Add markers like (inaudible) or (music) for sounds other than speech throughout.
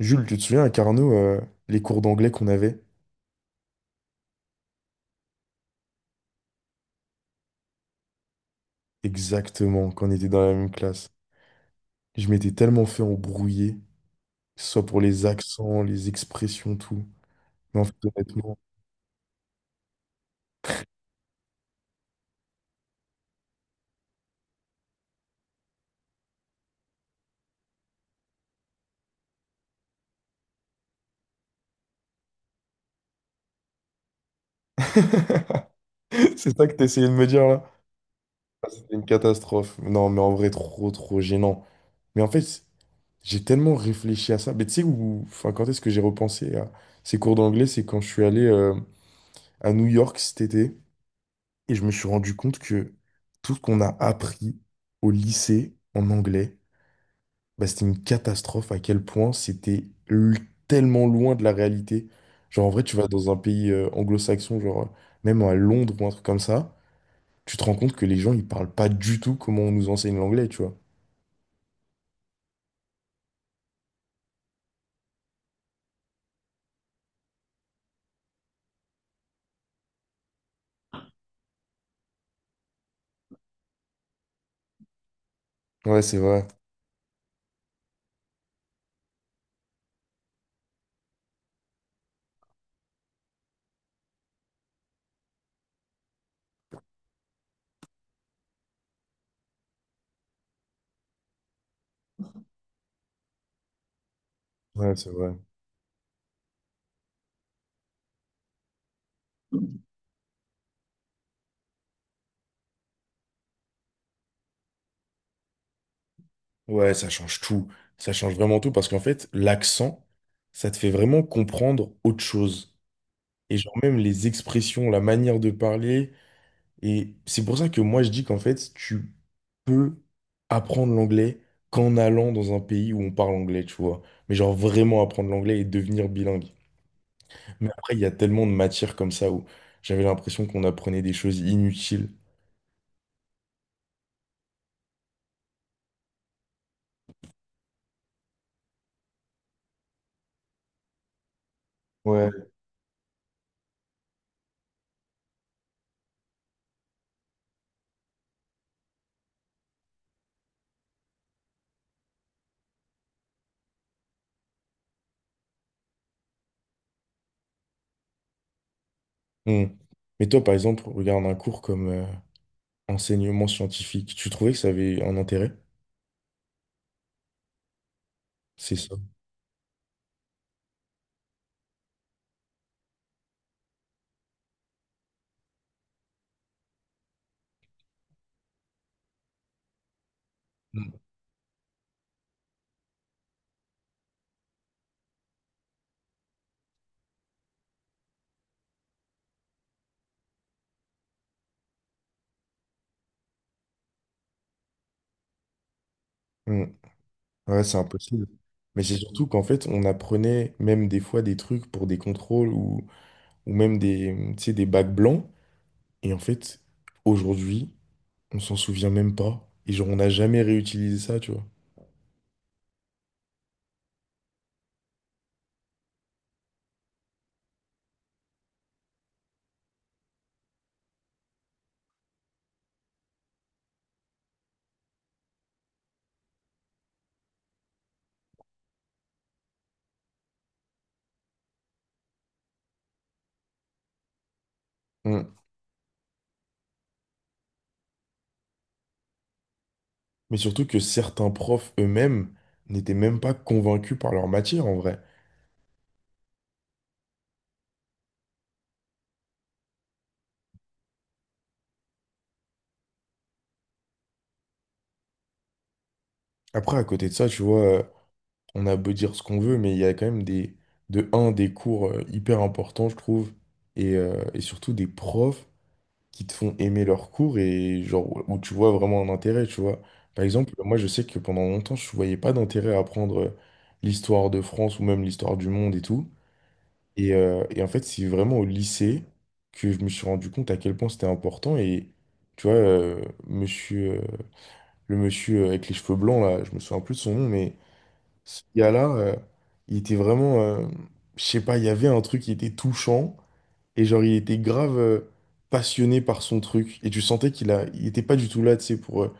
Jules, tu te souviens à Carnot, les cours d'anglais qu'on avait? Exactement, quand on était dans la même classe. Je m'étais tellement fait embrouiller, que ce soit pour les accents, les expressions, tout. Mais en fait, honnêtement, (laughs) c'est ça que tu essayais de me dire là? Ah, c'était une catastrophe. Non, mais en vrai, trop, trop gênant. Mais en fait, j'ai tellement réfléchi à ça. Mais tu sais, où... enfin, quand est-ce que j'ai repensé à ces cours d'anglais? C'est quand je suis allé à New York cet été. Et je me suis rendu compte que tout ce qu'on a appris au lycée en anglais, bah, c'était une catastrophe à quel point tellement loin de la réalité. Genre, en vrai, tu vas dans un pays anglo-saxon, genre même à Londres ou un truc comme ça, tu te rends compte que les gens, ils parlent pas du tout comment on nous enseigne l'anglais, tu vois. Ouais, c'est vrai. Ouais, c'est vrai. Ouais, ça change tout. Ça change vraiment tout parce qu'en fait, l'accent, ça te fait vraiment comprendre autre chose. Et genre, même les expressions, la manière de parler. Et c'est pour ça que moi je dis qu'en fait, tu peux apprendre l'anglais qu'en allant dans un pays où on parle anglais, tu vois. Mais genre vraiment apprendre l'anglais et devenir bilingue. Mais après, il y a tellement de matières comme ça où j'avais l'impression qu'on apprenait des choses inutiles. Ouais. Hmm. Mais toi, par exemple, regarde un cours comme enseignement scientifique. Tu trouvais que ça avait un intérêt? C'est ça. Mm. Mm. Ouais, c'est impossible. Mais c'est surtout qu'en fait, on apprenait même des fois des trucs pour des contrôles ou même des, tu sais, des bacs blancs. Et en fait, aujourd'hui, on s'en souvient même pas. Et genre, on n'a jamais réutilisé ça, tu vois. Mm. Mais surtout que certains profs eux-mêmes n'étaient même pas convaincus par leur matière, en vrai. Après, à côté de ça, tu vois, on a beau dire ce qu'on veut, mais il y a quand même des, de un, des cours hyper importants, je trouve, et surtout des profs qui te font aimer leur cours et genre où où tu vois vraiment un intérêt, tu vois. Par exemple, moi je sais que pendant longtemps, je voyais pas d'intérêt à apprendre l'histoire de France ou même l'histoire du monde et tout. Et en fait, c'est vraiment au lycée que je me suis rendu compte à quel point c'était important. Et tu vois, monsieur, le monsieur avec les cheveux blancs, là, je me souviens plus de son nom, mais ce gars-là, il était vraiment, je sais pas, il y avait un truc qui était touchant. Et genre, il était grave passionné par son truc. Et tu sentais il était pas du tout là, tu sais, pour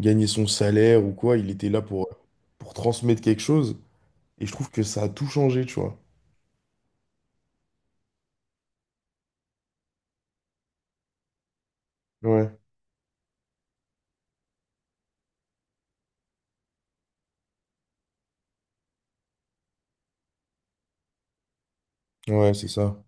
gagner son salaire ou quoi. Il était là pour transmettre quelque chose. Et je trouve que ça a tout changé, tu vois. Ouais, ouais, c'est ça.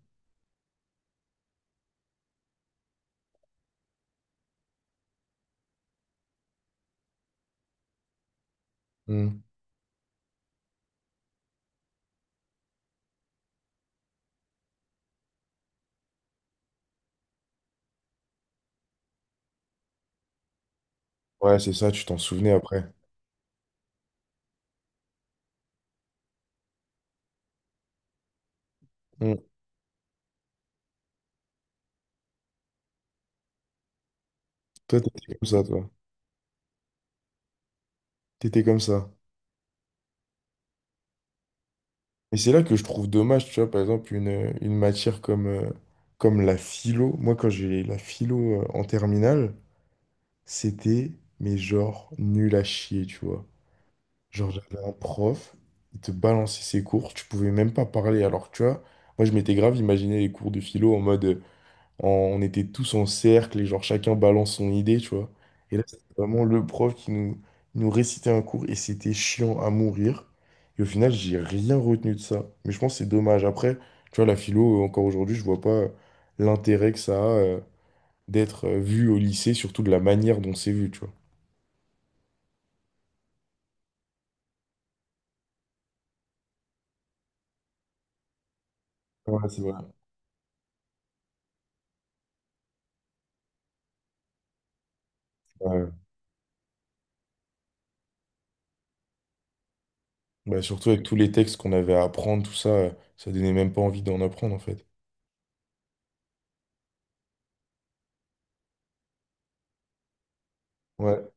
Mm. Ouais, c'est ça, tu t'en souvenais après. Mm. Toi, t'étais comme ça, toi. T'étais comme ça. Et c'est là que je trouve dommage, tu vois, par exemple, une matière comme, comme la philo. Moi, quand j'ai la philo en terminale, c'était, mais genre, nul à chier, tu vois. Genre, j'avais un prof, il te balançait ses cours, tu pouvais même pas parler. Alors, que, tu vois, moi, je m'étais grave imaginé les cours de philo en mode, on était tous en cercle et genre, chacun balance son idée, tu vois. Et là, c'était vraiment le prof qui nous récitait un cours et c'était chiant à mourir. Et au final, j'ai rien retenu de ça. Mais je pense que c'est dommage. Après, tu vois, la philo, encore aujourd'hui, je vois pas l'intérêt que ça a d'être vu au lycée, surtout de la manière dont c'est vu, tu vois. Ouais, c'est vrai. Ouais. Bah, surtout avec tous les textes qu'on avait à apprendre, tout ça, ça donnait même pas envie d'en apprendre en fait. Ouais.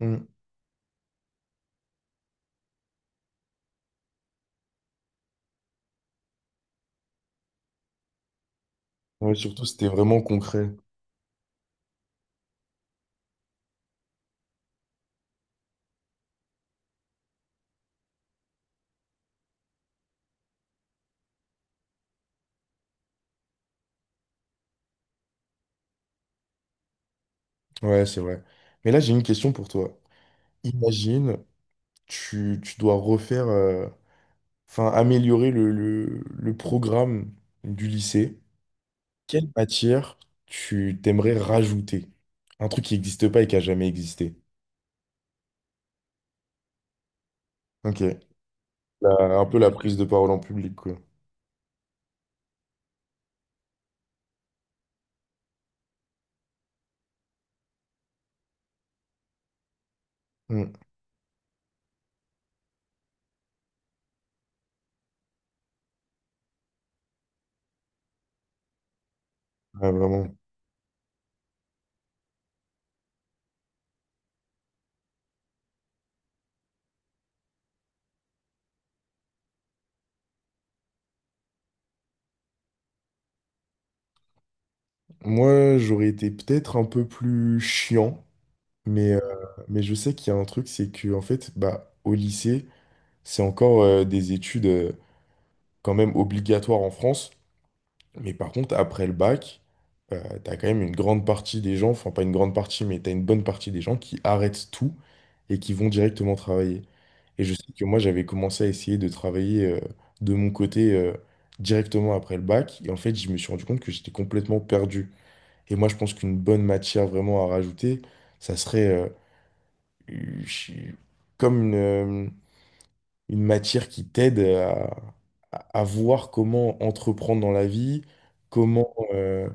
Mm. Ouais, surtout c'était vraiment concret. Ouais, c'est vrai. Mais là, j'ai une question pour toi. Imagine, tu dois refaire, enfin améliorer le programme du lycée. Quelle matière tu t'aimerais rajouter? Un truc qui n'existe pas et qui a jamais existé. Ok. La- un peu la prise de parole en public, quoi. Mm. Ouais, vraiment. Moi, j'aurais été peut-être un peu plus chiant. Mais, euh, mais je sais qu'il y a un truc, c'est que en fait, bah, au lycée, c'est encore des études quand même obligatoires en France. Mais par contre, après le bac, t'as quand même une grande partie des gens, enfin pas une grande partie, mais t'as une bonne partie des gens qui arrêtent tout et qui vont directement travailler. Et je sais que moi, j'avais commencé à essayer de travailler de mon côté directement après le bac. Et en fait, je me suis rendu compte que j'étais complètement perdu. Et moi, je pense qu'une bonne matière vraiment à rajouter, ça serait je comme une matière qui t'aide à, à voir comment entreprendre dans la vie, comment, euh,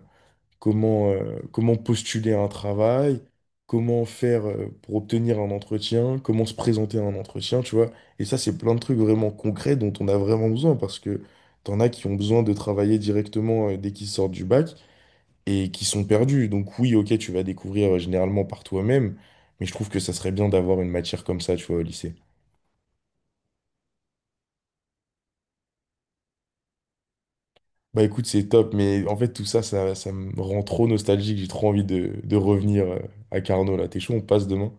comment, euh, comment postuler à un travail, comment faire pour obtenir un entretien, comment se présenter à un entretien, tu vois. Et ça, c'est plein de trucs vraiment concrets dont on a vraiment besoin parce que t'en as qui ont besoin de travailler directement dès qu'ils sortent du bac et qui sont perdus. Donc oui, ok, tu vas découvrir généralement par toi-même, mais je trouve que ça serait bien d'avoir une matière comme ça, tu vois, au lycée. Bah écoute, c'est top, mais en fait tout ça, ça me rend trop nostalgique, j'ai trop envie de revenir à Carnot là. T'es chaud, on passe demain?